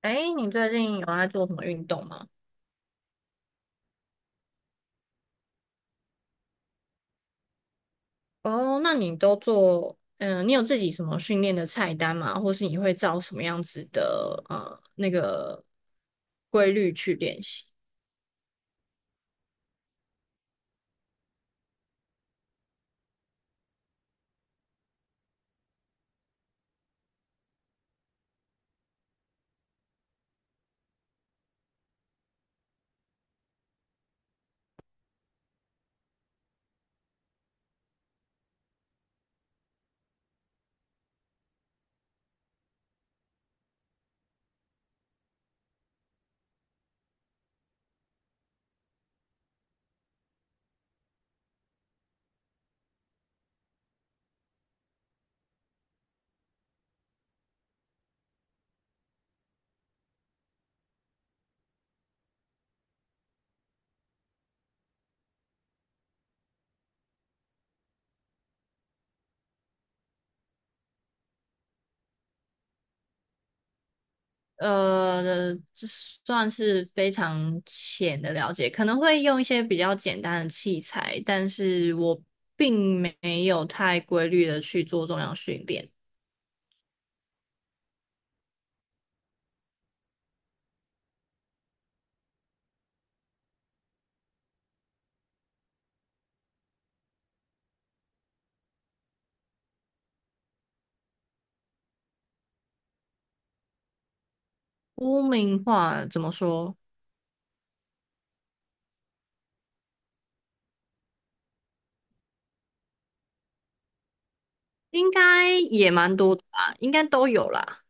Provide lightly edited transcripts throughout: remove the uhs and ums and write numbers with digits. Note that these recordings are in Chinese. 哎，你最近有在做什么运动吗？哦，那你都做，嗯，你有自己什么训练的菜单吗？或是你会照什么样子的规律去练习？这算是非常浅的了解，可能会用一些比较简单的器材，但是我并没有太规律的去做重量训练。污名化怎么说？应该也蛮多的吧，应该都有啦。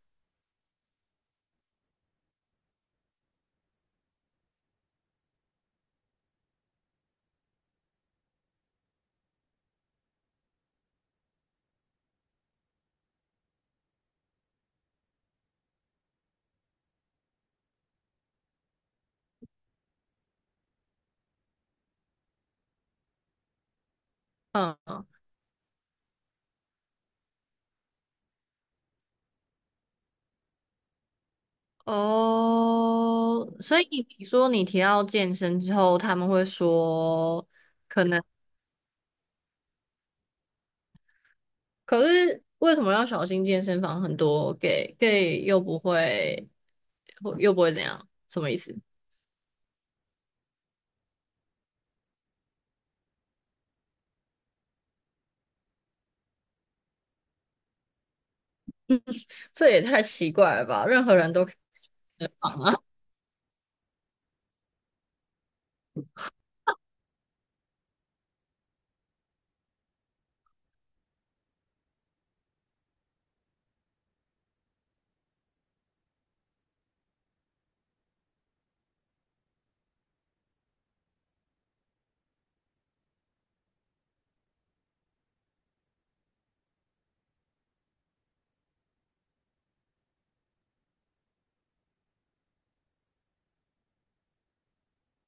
嗯。哦，所以你说你提到健身之后，他们会说可能，可是为什么要小心健身房很多 gay， gay 又不会，又不会怎样？什么意思？这也太奇怪了吧！任何人都可以放啊。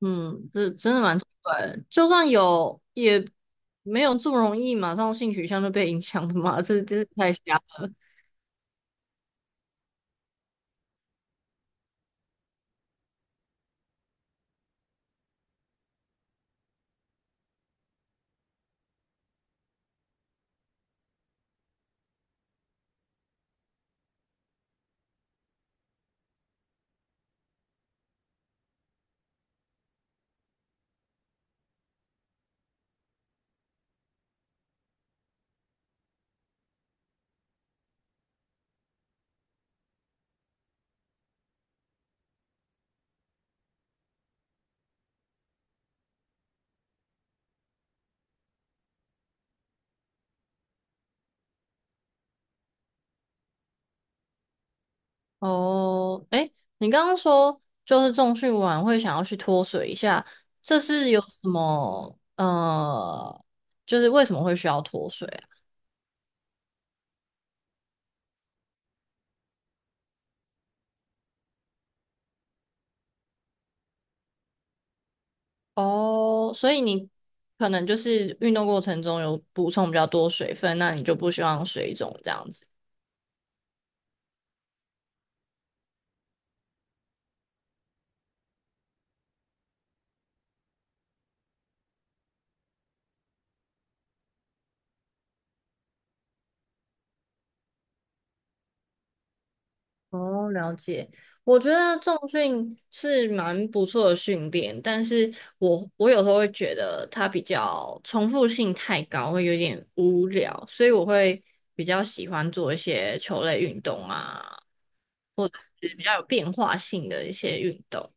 嗯，这真的蛮奇怪的。就算有，也没有这么容易马上性取向就被影响的嘛，这是太瞎了。哦，哎，你刚刚说就是重训完会想要去脱水一下，这是有什么就是为什么会需要脱水啊？哦，所以你可能就是运动过程中有补充比较多水分，那你就不希望水肿这样子。哦，了解。我觉得重训是蛮不错的训练，但是我有时候会觉得它比较重复性太高，会有点无聊，所以我会比较喜欢做一些球类运动啊，或者是比较有变化性的一些运动。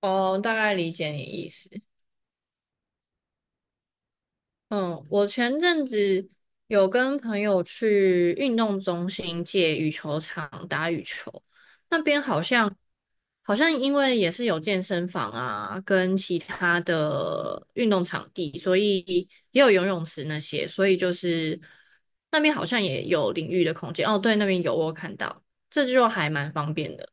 哦，大概理解你意思。嗯，我前阵子有跟朋友去运动中心借羽球场打羽球，那边好像好像因为也是有健身房啊，跟其他的运动场地，所以也有游泳池那些，所以就是那边好像也有淋浴的空间。哦，对，那边有我有看到，这就还蛮方便的。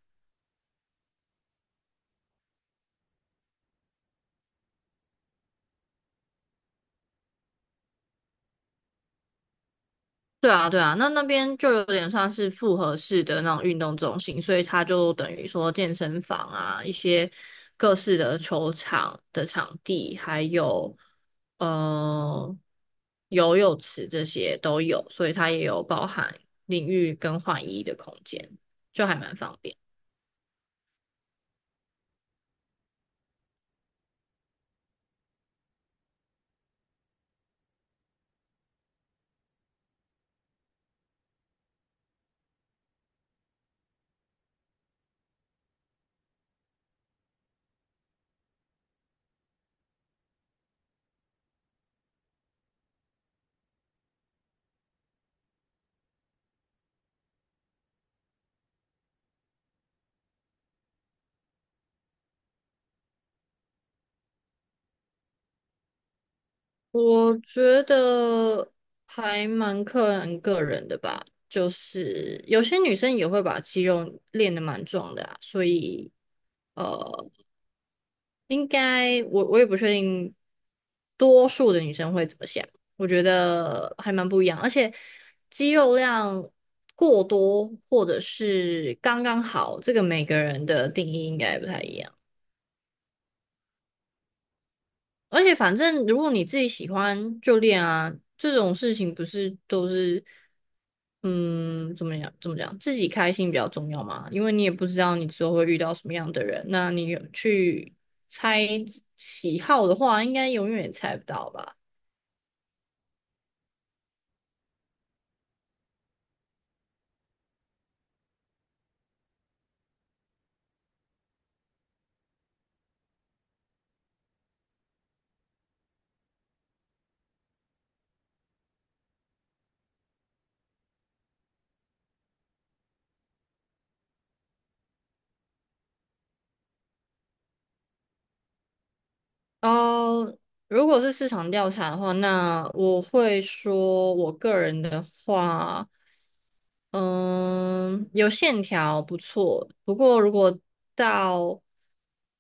对啊，对啊，那那边就有点算是复合式的那种运动中心，所以它就等于说健身房啊，一些各式的球场的场地，还有呃游泳池这些都有，所以它也有包含淋浴跟换衣的空间，就还蛮方便。我觉得还蛮看个人的吧，就是有些女生也会把肌肉练得蛮壮的啊，所以。呃，应该我也不确定，多数的女生会怎么想？我觉得还蛮不一样，而且肌肉量过多或者是刚刚好，这个每个人的定义应该不太一样。而且反正如果你自己喜欢就练啊，这种事情不是都是，嗯，怎么讲，自己开心比较重要嘛，因为你也不知道你之后会遇到什么样的人，那你有去猜喜好的话，应该永远也猜不到吧。哦，如果是市场调查的话，那我会说，我个人的话，嗯，有线条不错，不过如果到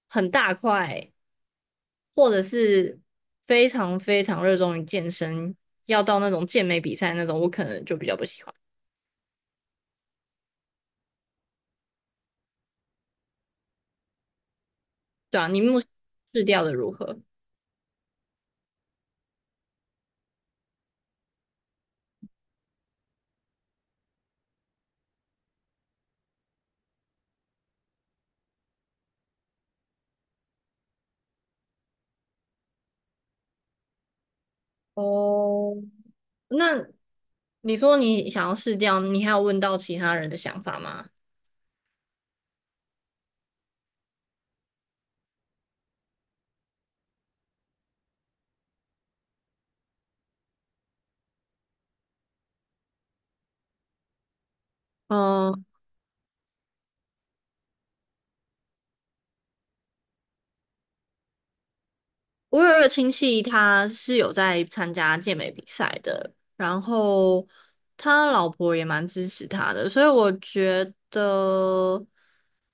很大块，或者是非常非常热衷于健身，要到那种健美比赛那种，我可能就比较不喜欢。对啊，你目前试掉的如何？哦，那你说你想要试掉，你还有问到其他人的想法吗？嗯。我有一个亲戚，他是有在参加健美比赛的，然后他老婆也蛮支持他的，所以我觉得，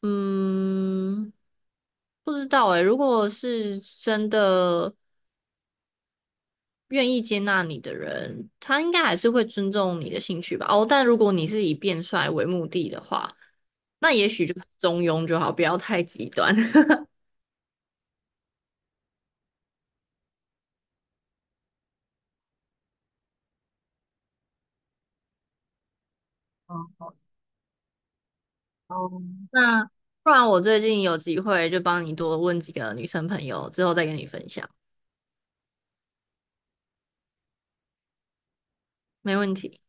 嗯，不知道诶，如果是真的愿意接纳你的人，他应该还是会尊重你的兴趣吧。哦，但如果你是以变帅为目的的话，那也许就是中庸就好，不要太极端。哦，那不然我最近有机会就帮你多问几个女生朋友，之后再跟你分享，没问题。